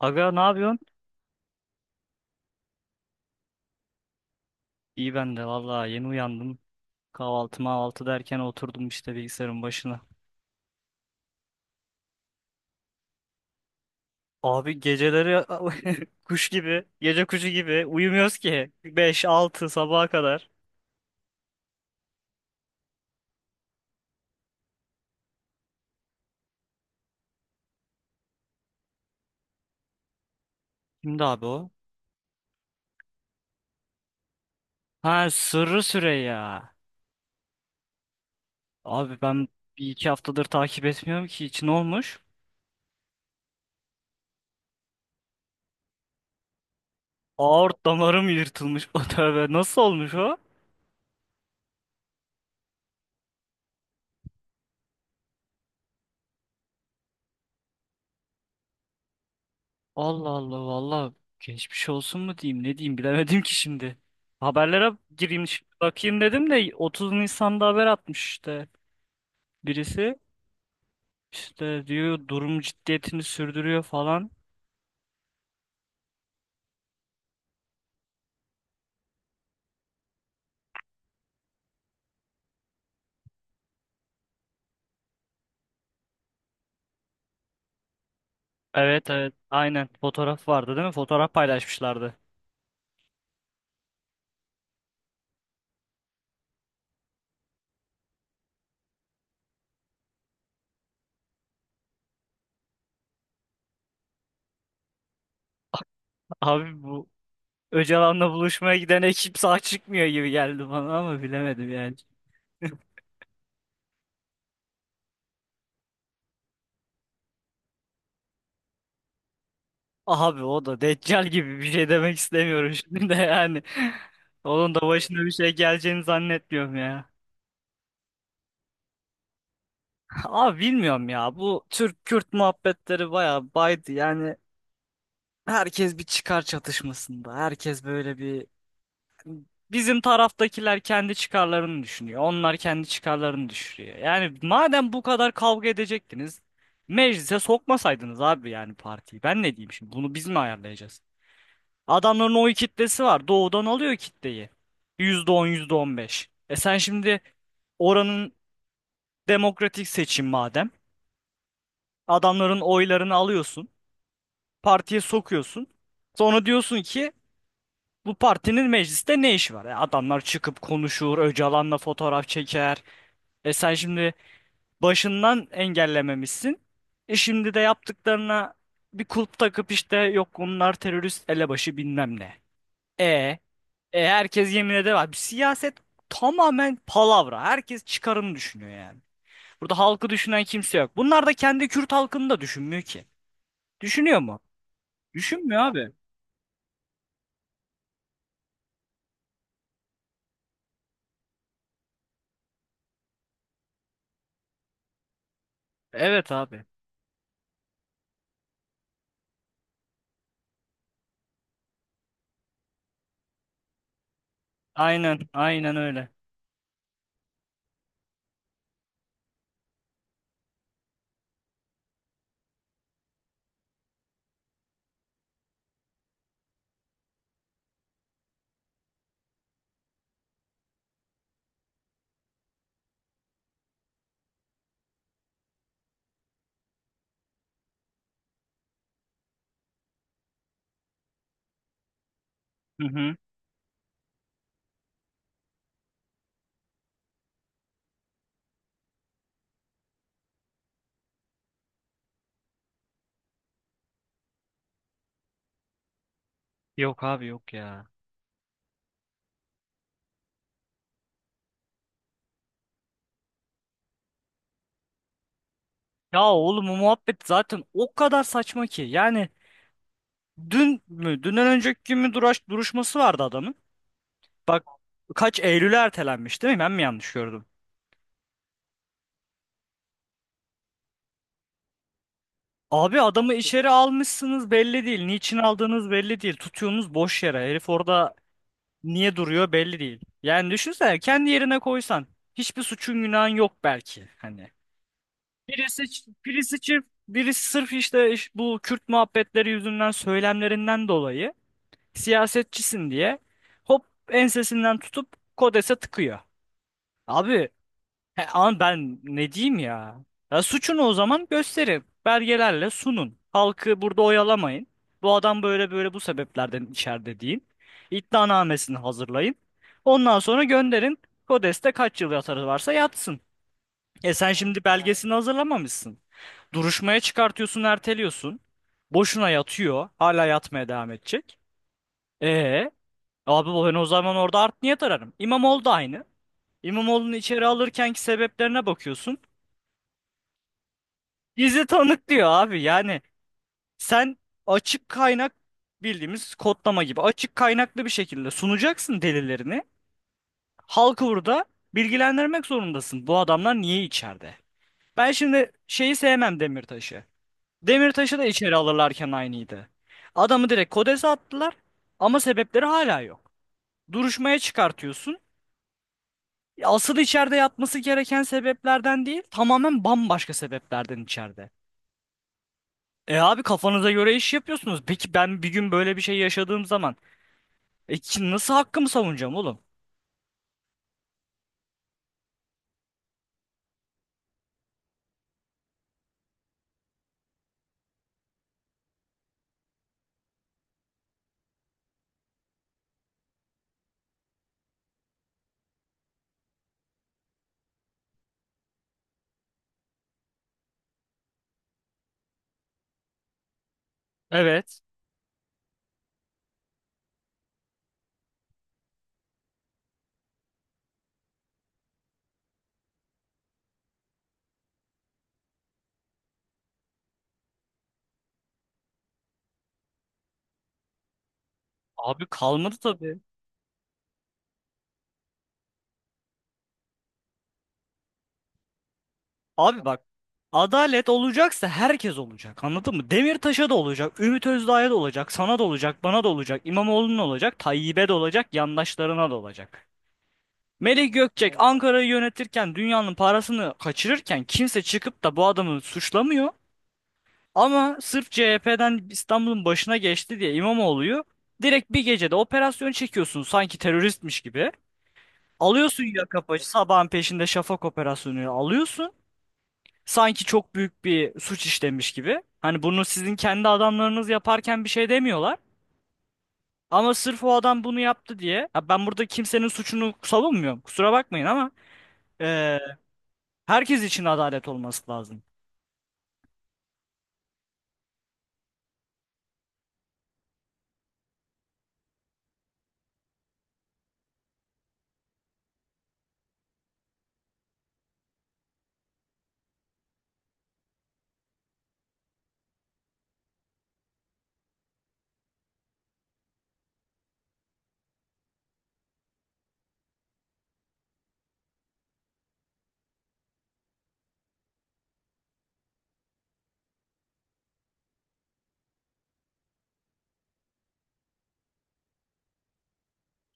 Aga ne yapıyorsun? İyi ben de vallahi yeni uyandım. Kahvaltı mahvaltı derken oturdum işte bilgisayarın başına. Abi geceleri kuş gibi, gece kuşu gibi uyumuyoruz ki, 5-6 sabaha kadar. Kimdi abi o? Ha Sırrı Süreyya. Abi ben bir iki haftadır takip etmiyorum ki, hiç. Olmuş? Aort damarım yırtılmış. O tövbe nasıl olmuş o? Allah Allah valla, geçmiş olsun mu diyeyim ne diyeyim bilemedim ki şimdi. Haberlere gireyim şimdi bakayım dedim de 30 Nisan'da haber atmış işte birisi. İşte diyor, durum ciddiyetini sürdürüyor falan. Evet evet, aynen, fotoğraf vardı değil mi? Fotoğraf paylaşmışlardı. Abi bu Öcalan'la buluşmaya giden ekip sağ çıkmıyor gibi geldi bana ama bilemedim yani. Abi o da Deccal gibi, bir şey demek istemiyorum şimdi de yani, onun da başına bir şey geleceğini zannetmiyorum ya. Abi bilmiyorum ya, bu Türk-Kürt muhabbetleri bayağı baydı yani, herkes bir çıkar çatışmasında, herkes böyle bir, bizim taraftakiler kendi çıkarlarını düşünüyor, onlar kendi çıkarlarını düşünüyor. Yani madem bu kadar kavga edecektiniz, meclise sokmasaydınız abi yani partiyi. Ben ne diyeyim şimdi, bunu biz mi ayarlayacağız? Adamların oy kitlesi var, doğudan alıyor kitleyi, yüzde on, yüzde on beş. Sen şimdi oranın demokratik seçim madem, adamların oylarını alıyorsun, partiye sokuyorsun. Sonra diyorsun ki bu partinin mecliste ne işi var? E, adamlar çıkıp konuşur, Öcalan'la fotoğraf çeker. E sen şimdi başından engellememişsin. E şimdi de yaptıklarına bir kulp takıp, işte yok bunlar terörist elebaşı bilmem ne. E, e herkes yemin eder. Siyaset tamamen palavra. Herkes çıkarını düşünüyor yani. Burada halkı düşünen kimse yok. Bunlar da kendi Kürt halkını da düşünmüyor ki. Düşünüyor mu? Düşünmüyor abi. Evet abi. Aynen, aynen öyle. Hı hı. Yok abi, yok ya. Ya oğlum, o muhabbet zaten o kadar saçma ki. Yani dün mü, dünden önceki gün mü, duruşması vardı adamın. Bak, kaç Eylül'e ertelenmiş değil mi? Ben mi yanlış gördüm? Abi adamı içeri almışsınız, belli değil. Niçin aldığınız belli değil. Tutuyorsunuz boş yere. Herif orada niye duruyor belli değil. Yani düşünsene, kendi yerine koysan. Hiçbir suçun günahın yok belki. Hani. Birisi, birisi çift, birisi sırf işte bu Kürt muhabbetleri yüzünden, söylemlerinden dolayı, siyasetçisin diye hop ensesinden tutup Kodes'e tıkıyor. Abi he, ama ben ne diyeyim ya? Ya suçunu o zaman gösterin. Belgelerle sunun. Halkı burada oyalamayın. Bu adam böyle böyle bu sebeplerden içeride deyin. İddianamesini hazırlayın. Ondan sonra gönderin. Kodes'te kaç yıl yatarı varsa yatsın. E sen şimdi belgesini hazırlamamışsın. Duruşmaya çıkartıyorsun, erteliyorsun. Boşuna yatıyor. Hala yatmaya devam edecek. E abi, ben o zaman orada art niyet ararım. İmamoğlu da aynı. İmamoğlu'nu içeri alırkenki sebeplerine bakıyorsun. Bizi tanık diyor abi. Yani sen açık kaynak, bildiğimiz kodlama gibi açık kaynaklı bir şekilde sunacaksın delillerini. Halkı burada bilgilendirmek zorundasın. Bu adamlar niye içeride? Ben şimdi şeyi sevmem, Demirtaş'ı. Demirtaş'ı da içeri alırlarken aynıydı. Adamı direkt Kodes'e attılar ama sebepleri hala yok. Duruşmaya çıkartıyorsun. Asıl içeride yatması gereken sebeplerden değil, tamamen bambaşka sebeplerden içeride. E abi, kafanıza göre iş yapıyorsunuz. Peki ben bir gün böyle bir şey yaşadığım zaman nasıl hakkımı savunacağım oğlum? Evet. Abi kalmadı tabii. Abi bak, adalet olacaksa herkes olacak, anladın mı? Demirtaş'a da olacak, Ümit Özdağ'a da olacak, sana da olacak, bana da olacak, İmamoğlu'na olacak, Tayyip'e de olacak, yandaşlarına da olacak. Melih Gökçek. Evet. Ankara'yı yönetirken, dünyanın parasını kaçırırken kimse çıkıp da bu adamı suçlamıyor. Ama sırf CHP'den İstanbul'un başına geçti diye İmamoğlu'yu direkt bir gecede operasyon çekiyorsun, sanki teröristmiş gibi. Alıyorsun yaka paça, sabahın peşinde şafak operasyonu alıyorsun, sanki çok büyük bir suç işlemiş gibi. Hani bunu sizin kendi adamlarınız yaparken bir şey demiyorlar. Ama sırf o adam bunu yaptı diye. Ya ben burada kimsenin suçunu savunmuyorum, kusura bakmayın, ama e, herkes için adalet olması lazım.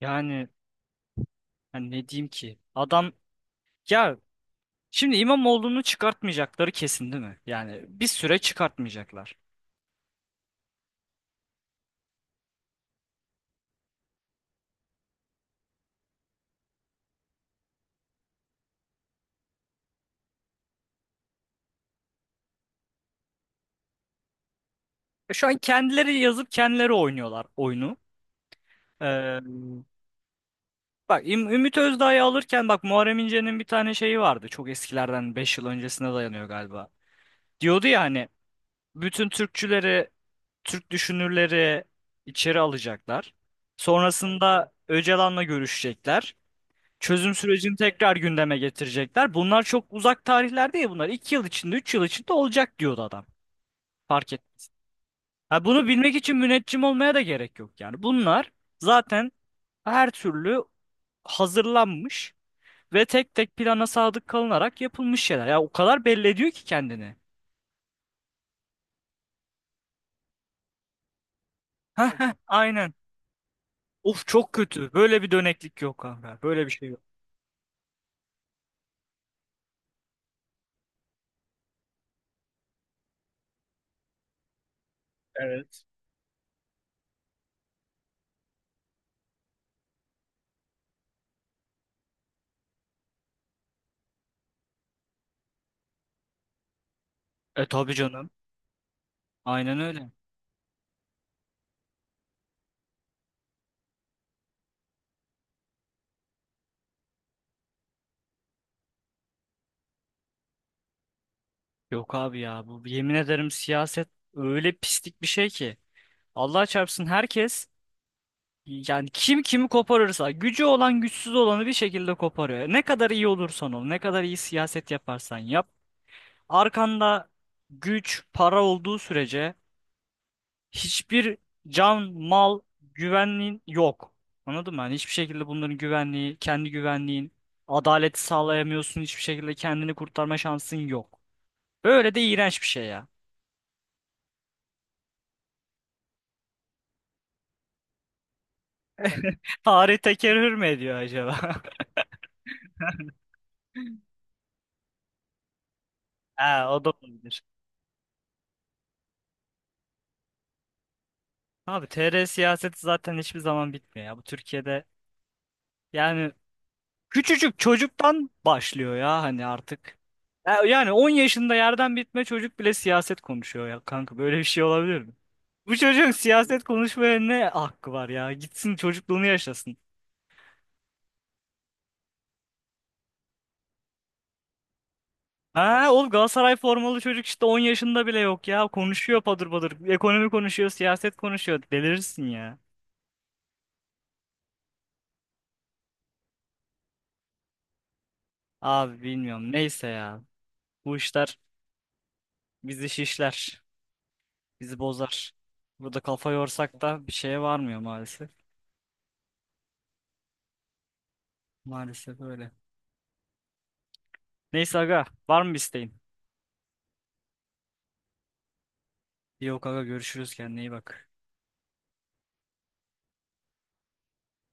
Yani, hani ne diyeyim ki? Adam ya, şimdi İmamoğlu'nu çıkartmayacakları kesin değil mi? Yani bir süre çıkartmayacaklar. E, şu an kendileri yazıp kendileri oynuyorlar oyunu. E, bak Ümit Özdağ'ı alırken bak, Muharrem İnce'nin bir tane şeyi vardı. Çok eskilerden, 5 yıl öncesine dayanıyor galiba. Diyordu ya hani, bütün Türkçüleri, Türk düşünürleri içeri alacaklar. Sonrasında Öcalan'la görüşecekler. Çözüm sürecini tekrar gündeme getirecekler. Bunlar çok uzak tarihler değil bunlar. 2 yıl içinde, 3 yıl içinde olacak diyordu adam. Fark et. Ha, bunu bilmek için müneccim olmaya da gerek yok yani. Bunlar zaten her türlü hazırlanmış. Ve tek tek plana sadık kalınarak yapılmış şeyler. Ya o kadar belli ediyor ki kendini. Heh, heh, aynen. Of, çok kötü. Böyle bir döneklik yok abi. Böyle bir şey yok. Evet. E tabii canım. Aynen öyle. Yok abi ya, bu yemin ederim siyaset öyle pislik bir şey ki. Allah çarpsın, herkes yani, kim kimi koparırsa, gücü olan güçsüz olanı bir şekilde koparıyor. Ne kadar iyi olursan ol, ne kadar iyi siyaset yaparsan yap. Arkanda güç, para olduğu sürece hiçbir can, mal, güvenliğin yok. Anladın mı? Hani hiçbir şekilde bunların güvenliği, kendi güvenliğin, adaleti sağlayamıyorsun. Hiçbir şekilde kendini kurtarma şansın yok. Böyle de iğrenç bir şey ya. Tarih tekerrür mü ediyor acaba? He, o da olabilir. Abi TR siyaseti zaten hiçbir zaman bitmiyor ya. Bu Türkiye'de yani, küçücük çocuktan başlıyor ya hani artık. Yani 10 yaşında yerden bitme çocuk bile siyaset konuşuyor ya kanka, böyle bir şey olabilir mi? Bu çocuğun siyaset konuşmaya ne hakkı var ya? Gitsin çocukluğunu yaşasın. Ha oğlum, Galatasaray formalı çocuk işte 10 yaşında bile yok ya. Konuşuyor padır padır. Ekonomi konuşuyor, siyaset konuşuyor. Delirirsin ya. Abi bilmiyorum. Neyse ya. Bu işler bizi şişler. Bizi bozar. Burada kafa yorsak da bir şeye varmıyor maalesef. Maalesef öyle. Neyse aga, var mı bir isteğin? Yok aga, görüşürüz, kendine iyi bak.